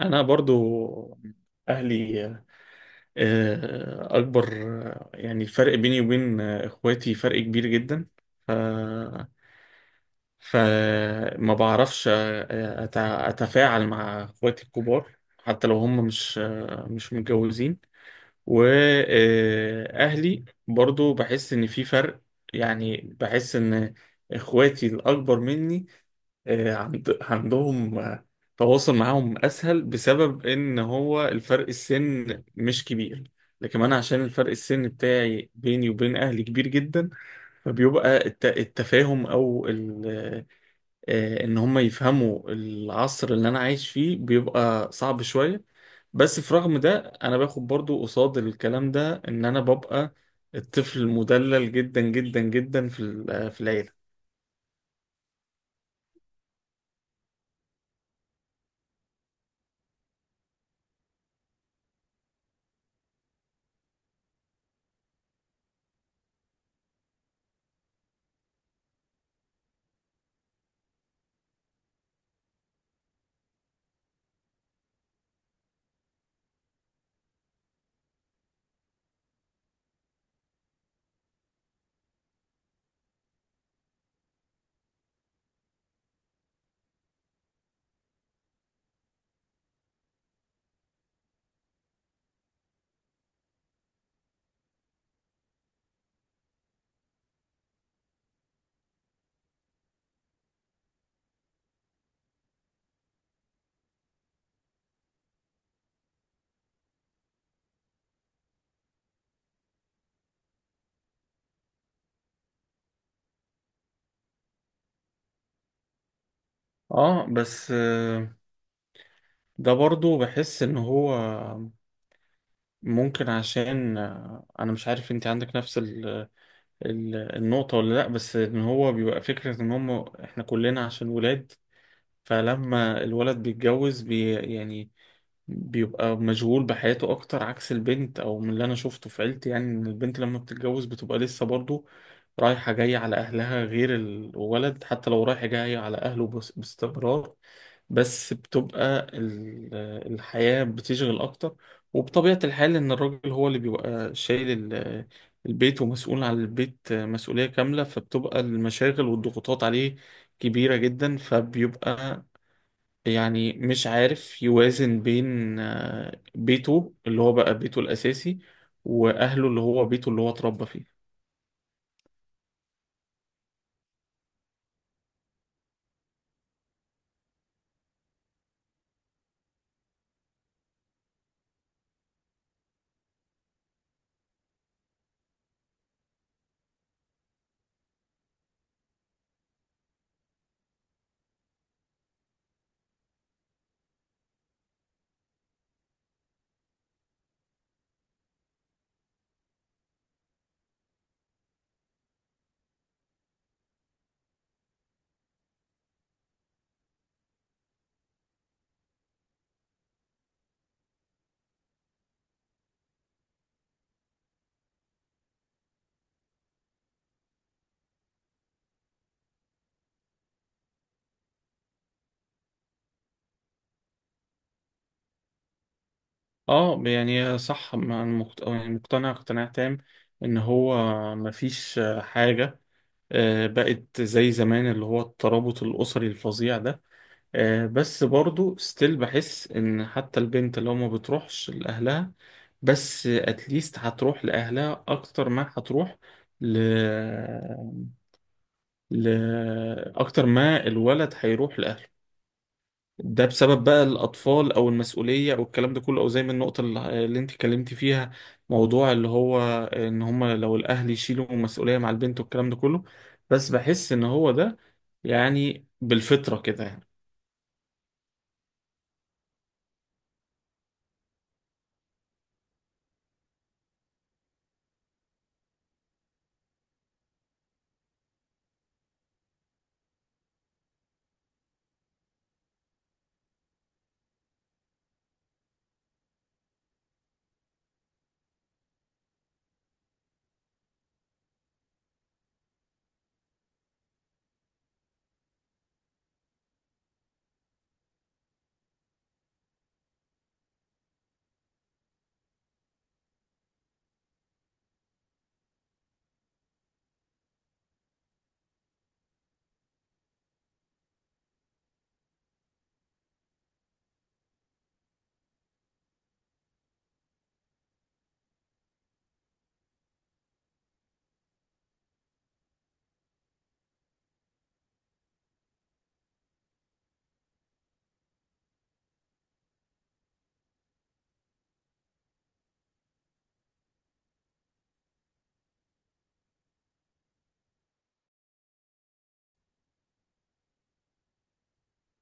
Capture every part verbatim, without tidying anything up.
انا برضو اهلي آه، اكبر. آه، يعني الفرق بيني وبين آه، اخواتي فرق كبير جدا. ف فما بعرفش آه، أت- اتفاعل مع اخواتي الكبار حتى لو هم مش آه، مش متجوزين. واهلي برضو بحس ان في فرق، يعني بحس ان اخواتي الاكبر مني آه، عند- عندهم تواصل معاهم اسهل بسبب ان هو الفرق السن مش كبير. لكن انا عشان الفرق السن بتاعي بيني وبين اهلي كبير جدا، فبيبقى الت- التفاهم او ال- آه، ان هم يفهموا العصر اللي انا عايش فيه بيبقى صعب شوية. بس في رغم ده انا باخد برضو قصاد الكلام ده ان انا ببقى الطفل المدلل جدا جدا جدا في ال- في العيلة. اه بس آه، ده برضو بحس ان هو ممكن عشان آه، انا مش عارف انت عندك نفس ال ال النقطة ولا لا. بس ان هو بيبقى فكرة ان هم احنا كلنا عشان ولاد، فلما الولد بيتجوز بي يعني بيبقى مشغول بحياته اكتر عكس البنت او من اللي انا شفته في عيلتي. يعني ان البنت لما بتتجوز بتبقى لسه برضو رايحة جاية على اهلها غير الولد حتى لو رايحة جاية على اهله بس- باستمرار، بس بتبقى ال- الحياة بتشغل اكتر. وبطبيعة الحال ان الراجل هو اللي بيبقى شايل ال- البيت ومسؤول عن البيت مسؤولية كاملة، فبتبقى المشاغل والضغوطات عليه كبيرة جدا. فبيبقى يعني مش عارف يوازن بين آه، بيته اللي هو بقى بيته الأساسي وأهله اللي هو بيته اللي هو اتربى فيه. اه يعني صح، ما- مقت- يعني مقتنع اقتناع تام ان هو مفيش آه، حاجة آه، بقت زي زمان اللي هو الترابط الأسري الفظيع ده. آه، بس برضو ستيل بحس ان حتى البنت لو ما بتروحش لأهلها، بس اتليست هتروح لأهلها اكتر ما هتروح ل لأكتر ما الولد هيروح لأهله. ده بسبب بقى الأطفال أو المسؤولية أو الكلام ده كله، أو زي ما النقطة اللي اللي أنت اتكلمتي فيها، موضوع اللي هو إن هما لو الأهل يشيلوا مسؤولية مع البنت والكلام ده كله. بس بحس إن هو ده يعني بالفطرة كده يعني.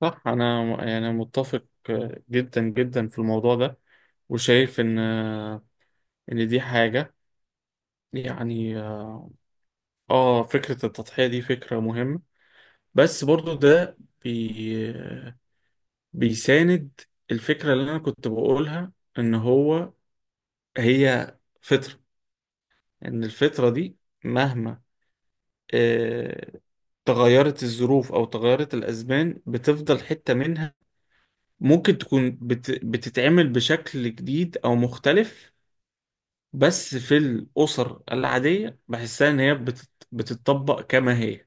صح، أنا يعني متفق جدا جدا في الموضوع ده، وشايف إن إن دي حاجة يعني آه، فكرة التضحية دي فكرة مهمة. بس برضو ده بي بيساند الفكرة اللي أنا كنت بقولها، إن هو هي فطرة، إن الفطرة دي مهما آه، تغيرت الظروف أو تغيرت الأزمان بتفضل حتة منها ممكن تكون بت... بتتعمل بشكل جديد أو مختلف، بس في الأسر العادية بحسها إن هي بتت... بتتطبق كما هي.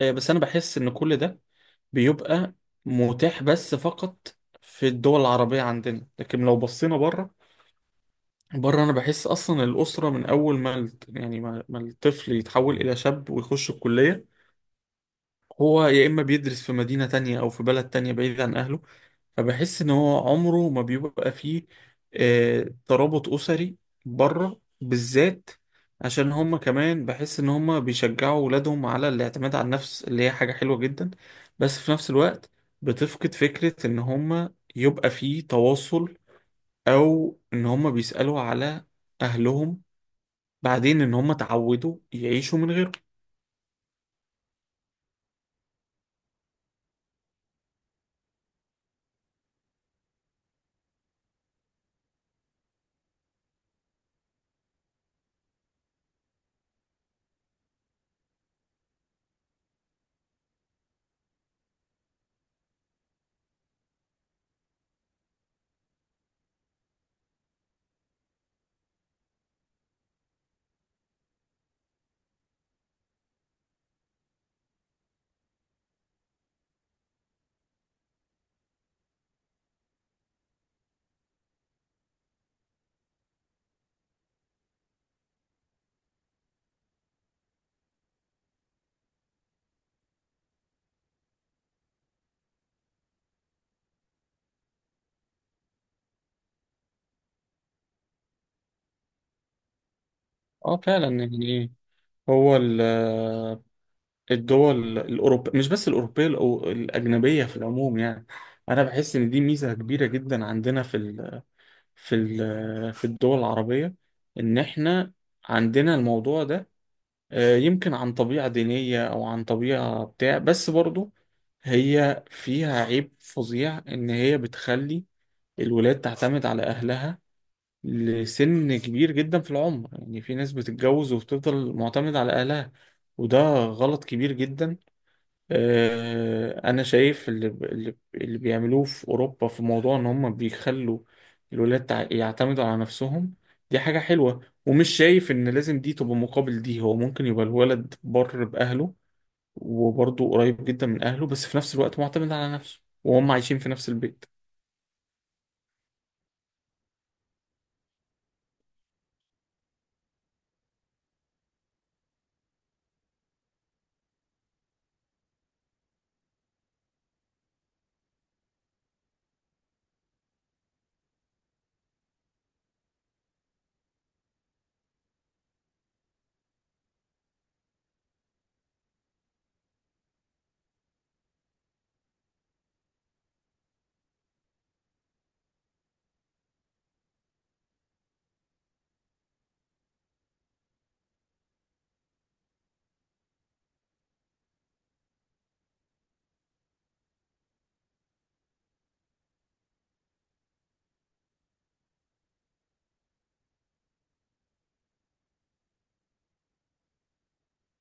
آه، بس أنا بحس إن كل ده بيبقى متاح بس فقط في الدول العربية عندنا، لكن لو بصينا بره، بره انا بحس اصلا الاسره من اول ما الت- يعني ما ما الطفل يتحول الى شاب ويخش الكليه، هو يا اما بيدرس في مدينه تانية او في بلد تانية بعيد عن اهله. فبحس ان هو عمره ما بيبقى فيه آه ترابط اسري بره بالذات، عشان هما كمان بحس ان هما بيشجعوا ولادهم على الاعتماد على النفس اللي هي حاجه حلوه جدا. بس في نفس الوقت بتفقد فكره ان هما يبقى فيه تواصل او ان هما بيسالوا على اهلهم، بعدين ان هم اتعودوا يعيشوا من غيره. اه فعلا يعني، هو ال- الدول الاوروبيه مش بس الاوروبيه الأو- الاجنبيه في العموم يعني، انا بحس ان دي ميزه كبيره جدا عندنا في ال في ال في الدول العربيه، ان احنا عندنا الموضوع ده آه، يمكن عن طبيعه دينيه او عن طبيعه بتاع. بس برضو هي فيها عيب فظيع ان هي بتخلي الولاد تعتمد على اهلها لسن كبير جدا في العمر، يعني في ناس بتتجوز وبتفضل معتمد على أهلها، وده غلط كبير جدا. آه، أنا شايف اللي, اللي اللي بيعملوه في أوروبا في موضوع إن هم بيخلوا الولاد تع- يعتمدوا على نفسهم، دي حاجة حلوة. ومش شايف إن لازم دي تبقى مقابل دي، هو ممكن يبقى الولد بر بأهله وبرضه قريب جدا من أهله بس في نفس الوقت معتمد على نفسه وهم عايشين في نفس البيت.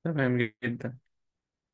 تمام جدا.